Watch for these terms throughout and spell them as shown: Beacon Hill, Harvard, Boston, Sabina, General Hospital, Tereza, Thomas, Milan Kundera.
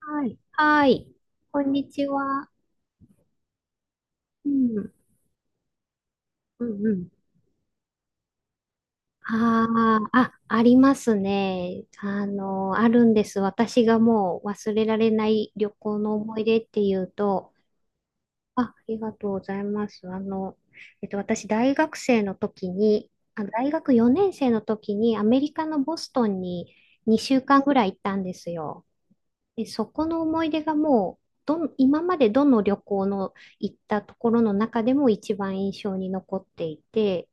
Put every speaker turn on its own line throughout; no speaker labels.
はい。はい。こんにちは。うん。うんうん。ああ、ありますね。あるんです。私がもう忘れられない旅行の思い出っていうと、あ、ありがとうございます。私、大学生の時に、大学4年生の時にアメリカのボストンに2週間ぐらい行ったんですよ。で、そこの思い出がもう、今までどの旅行の行ったところの中でも一番印象に残っていて、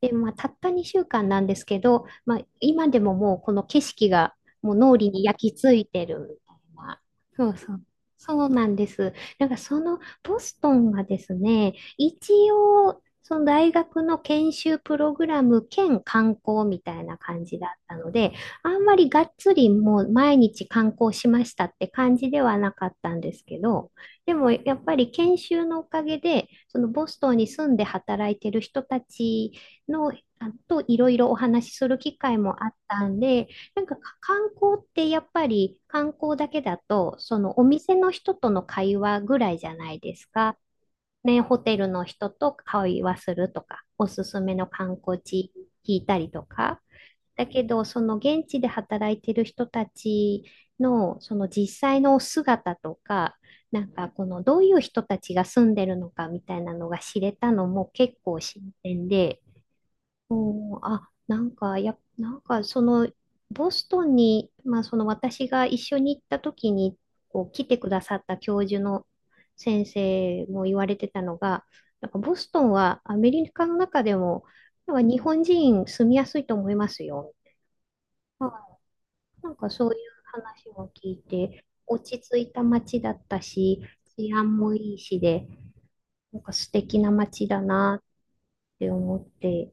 で、まあ、たった2週間なんですけど、まあ、今でももうこの景色がもう脳裏に焼き付いてるみたいな。そうそう。そうなんです。なんかそのボストンがですね、一応その大学の研修プログラム兼観光みたいな感じだったので、あんまりがっつりもう毎日観光しましたって感じではなかったんですけど、でもやっぱり研修のおかげで、そのボストンに住んで働いてる人たちの、あといろいろお話しする機会もあったんで、なんか観光ってやっぱり観光だけだと、そのお店の人との会話ぐらいじゃないですか。ね、ホテルの人と会話するとか、おすすめの観光地聞いたりとか。だけど、その現地で働いてる人たちの、その実際の姿とか、なんかこのどういう人たちが住んでるのかみたいなのが知れたのも結構新鮮で、おーあ、なんか、や、ボストンに、まあ、その私が一緒に行った時に、こう、来てくださった教授の先生も言われてたのが、なんか、ボストンはアメリカの中でも、なんか日本人住みやすいと思いますよ。はい、なんか、そういう話も聞いて、落ち着いた街だったし、治安もいいしで、なんか素敵な街だなって思って、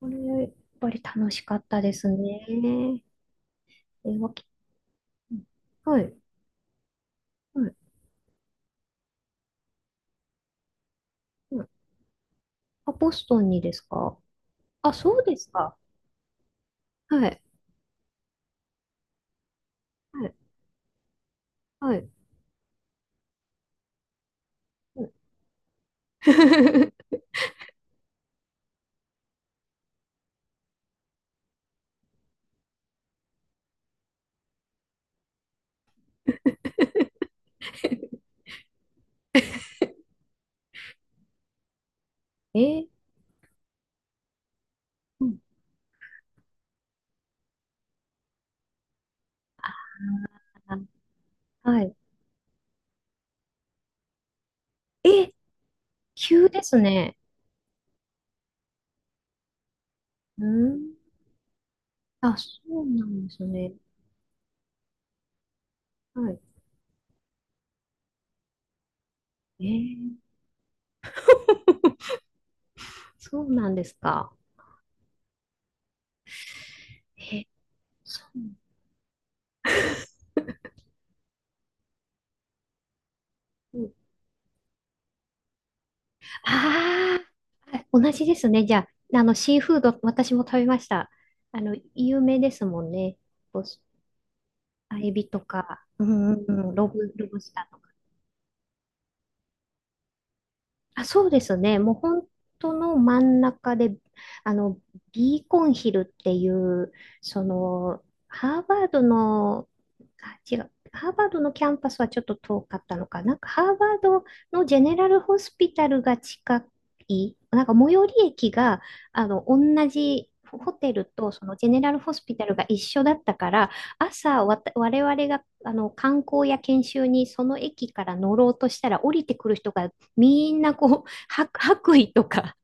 これ、やっぱり楽しかったですね。えー、わき、はい、はい、うん。あ、ボストンにですか？あ、そうですか。はい、はい、はい。うん。 えーうん。あ、はい。え、急ですね。うん。あ、そうなんですね。はい。えー、そうなんですか。え、そう。うん、ああ、はい、同じですね。じゃあ、シーフード、私も食べました。有名ですもんね。ボスあエビとか、うんうんうん、ロブスター。あ、そうですね。もう本当の真ん中で、あの、ビーコンヒルっていう、その、ハーバードの、あ、違う、ハーバードのキャンパスはちょっと遠かったのかな。なんかハーバードのジェネラルホスピタルが近い、なんか最寄り駅が、同じ、ホテルとそのジェネラルホスピタルが一緒だったから、朝わた、我々があの観光や研修にその駅から乗ろうとしたら降りてくる人がみんなこう、白衣とか、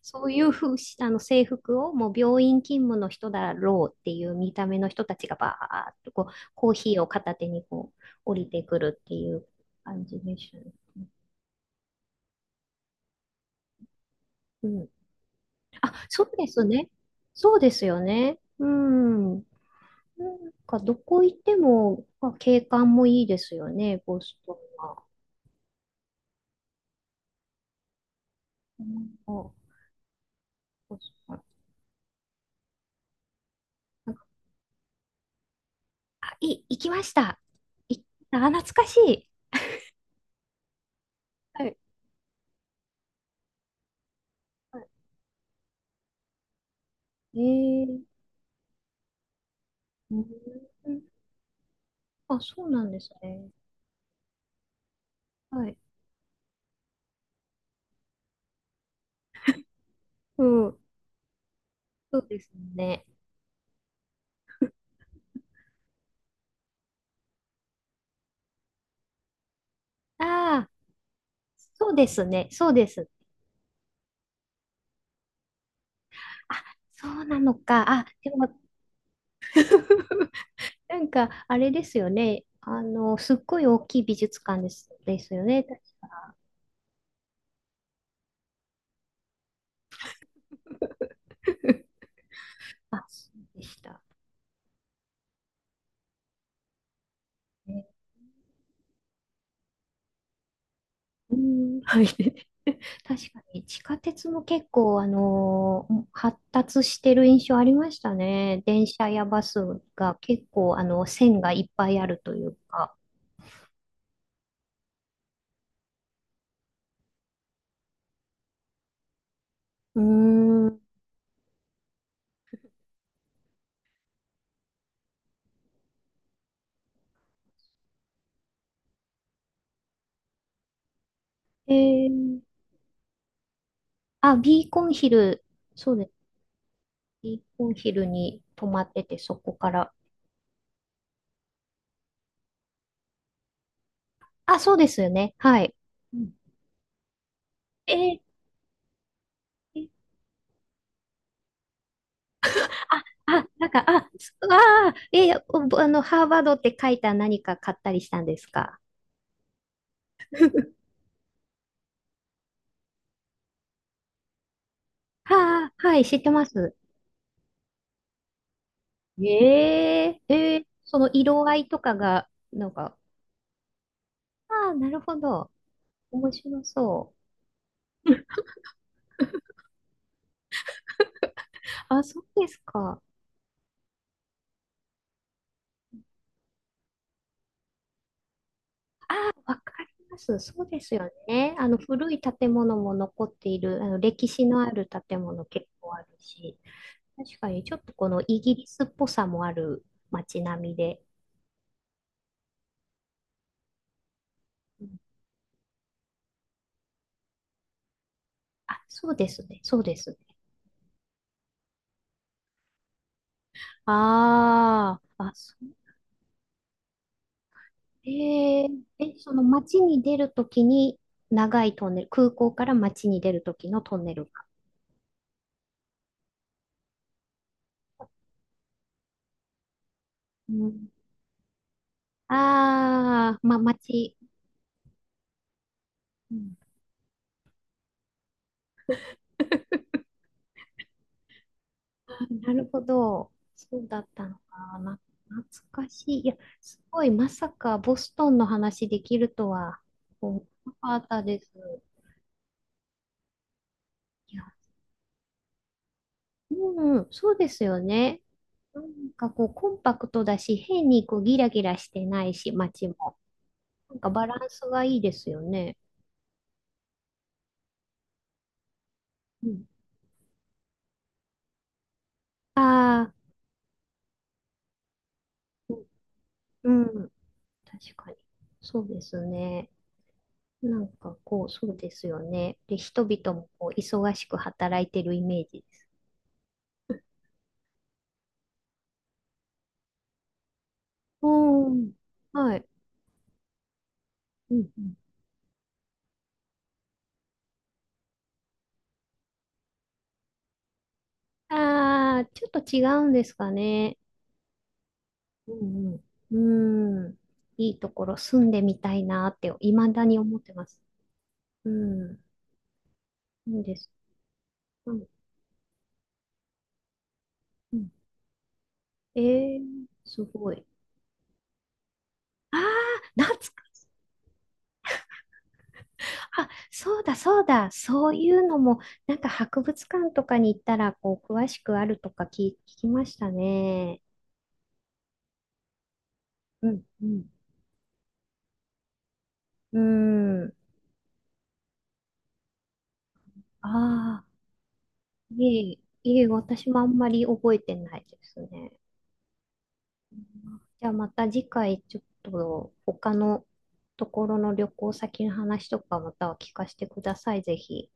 そういうふうしあの制服を、もう病院勤務の人だろうっていう見た目の人たちがバーっとこう、コーヒーを片手にこう、降りてくるっていう感じでしたね。うん。あ、そうですね。そうですよね。うん。なんか、どこ行っても、まあ、景観もいいですよね、ボストンは。うん、あ、ボストン。なんか、行きました。行った、あ、懐かしい。はい、ええ、うん、あ、そうなんですね。はい。うん。そうですね。ああ、そうですね。そうです。あ、そうなのか。あ、でも、なんか、あれですよね。すっごい大きい美術館ですよね。確か。あ、そうでした。ね、うん、はい。確かに、地下鉄も結構、発達してる印象ありましたね。電車やバスが結構、線がいっぱいあるというか。うーん。えー、あ、ビーコンヒル、そうです。ビーコンヒルに泊まってて、そこから。あ、そうですよね。はい。うん、えー、すあー、えーおあの、ハーバードって書いた何か買ったりしたんですか？はあ、はい、知ってます。その色合いとかが、なんか、ああ、なるほど。面白そう。あ、そうですか。わかります。そうですよね。あの古い建物も残っている、あの歴史のある建物結構あるし、確かにちょっとこのイギリスっぽさもある街並みで。うん、あ、そうですね。そうですね。ああ、そう。えーえ、その街に出るときに長いトンネル、空港から街に出るときのトンネルが。うん、ああ、まあ街。うん。 あ、なるほど。そうだったのかな。懐かしい。いや、すごい、まさかボストンの話できるとは思わなかったです。いや、うん、そうですよね。なんかこう、コンパクトだし、変にこうギラギラしてないし、街も。なんかバランスがいいですよね。うん。ああ、うん、うん、確かに。そうですね。なんかこう、そうですよね。で、人々もこう忙しく働いてるイメージ。うん。はい。うんうん。ああ、ちょっと違うんですかね。うんうん。うん。いいところ住んでみたいなって、未だに思ってます。うん。いいです。うん。うん、えー、すごい。ああ、あ、そうだそうだ。そういうのも、なんか博物館とかに行ったら、こう、詳しくあるとか聞きましたね。うんうん。うん。あ。いえ、いえ、私もあんまり覚えてないですね。じゃあまた次回ちょっと他のところの旅行先の話とかまたは聞かせてください、ぜひ。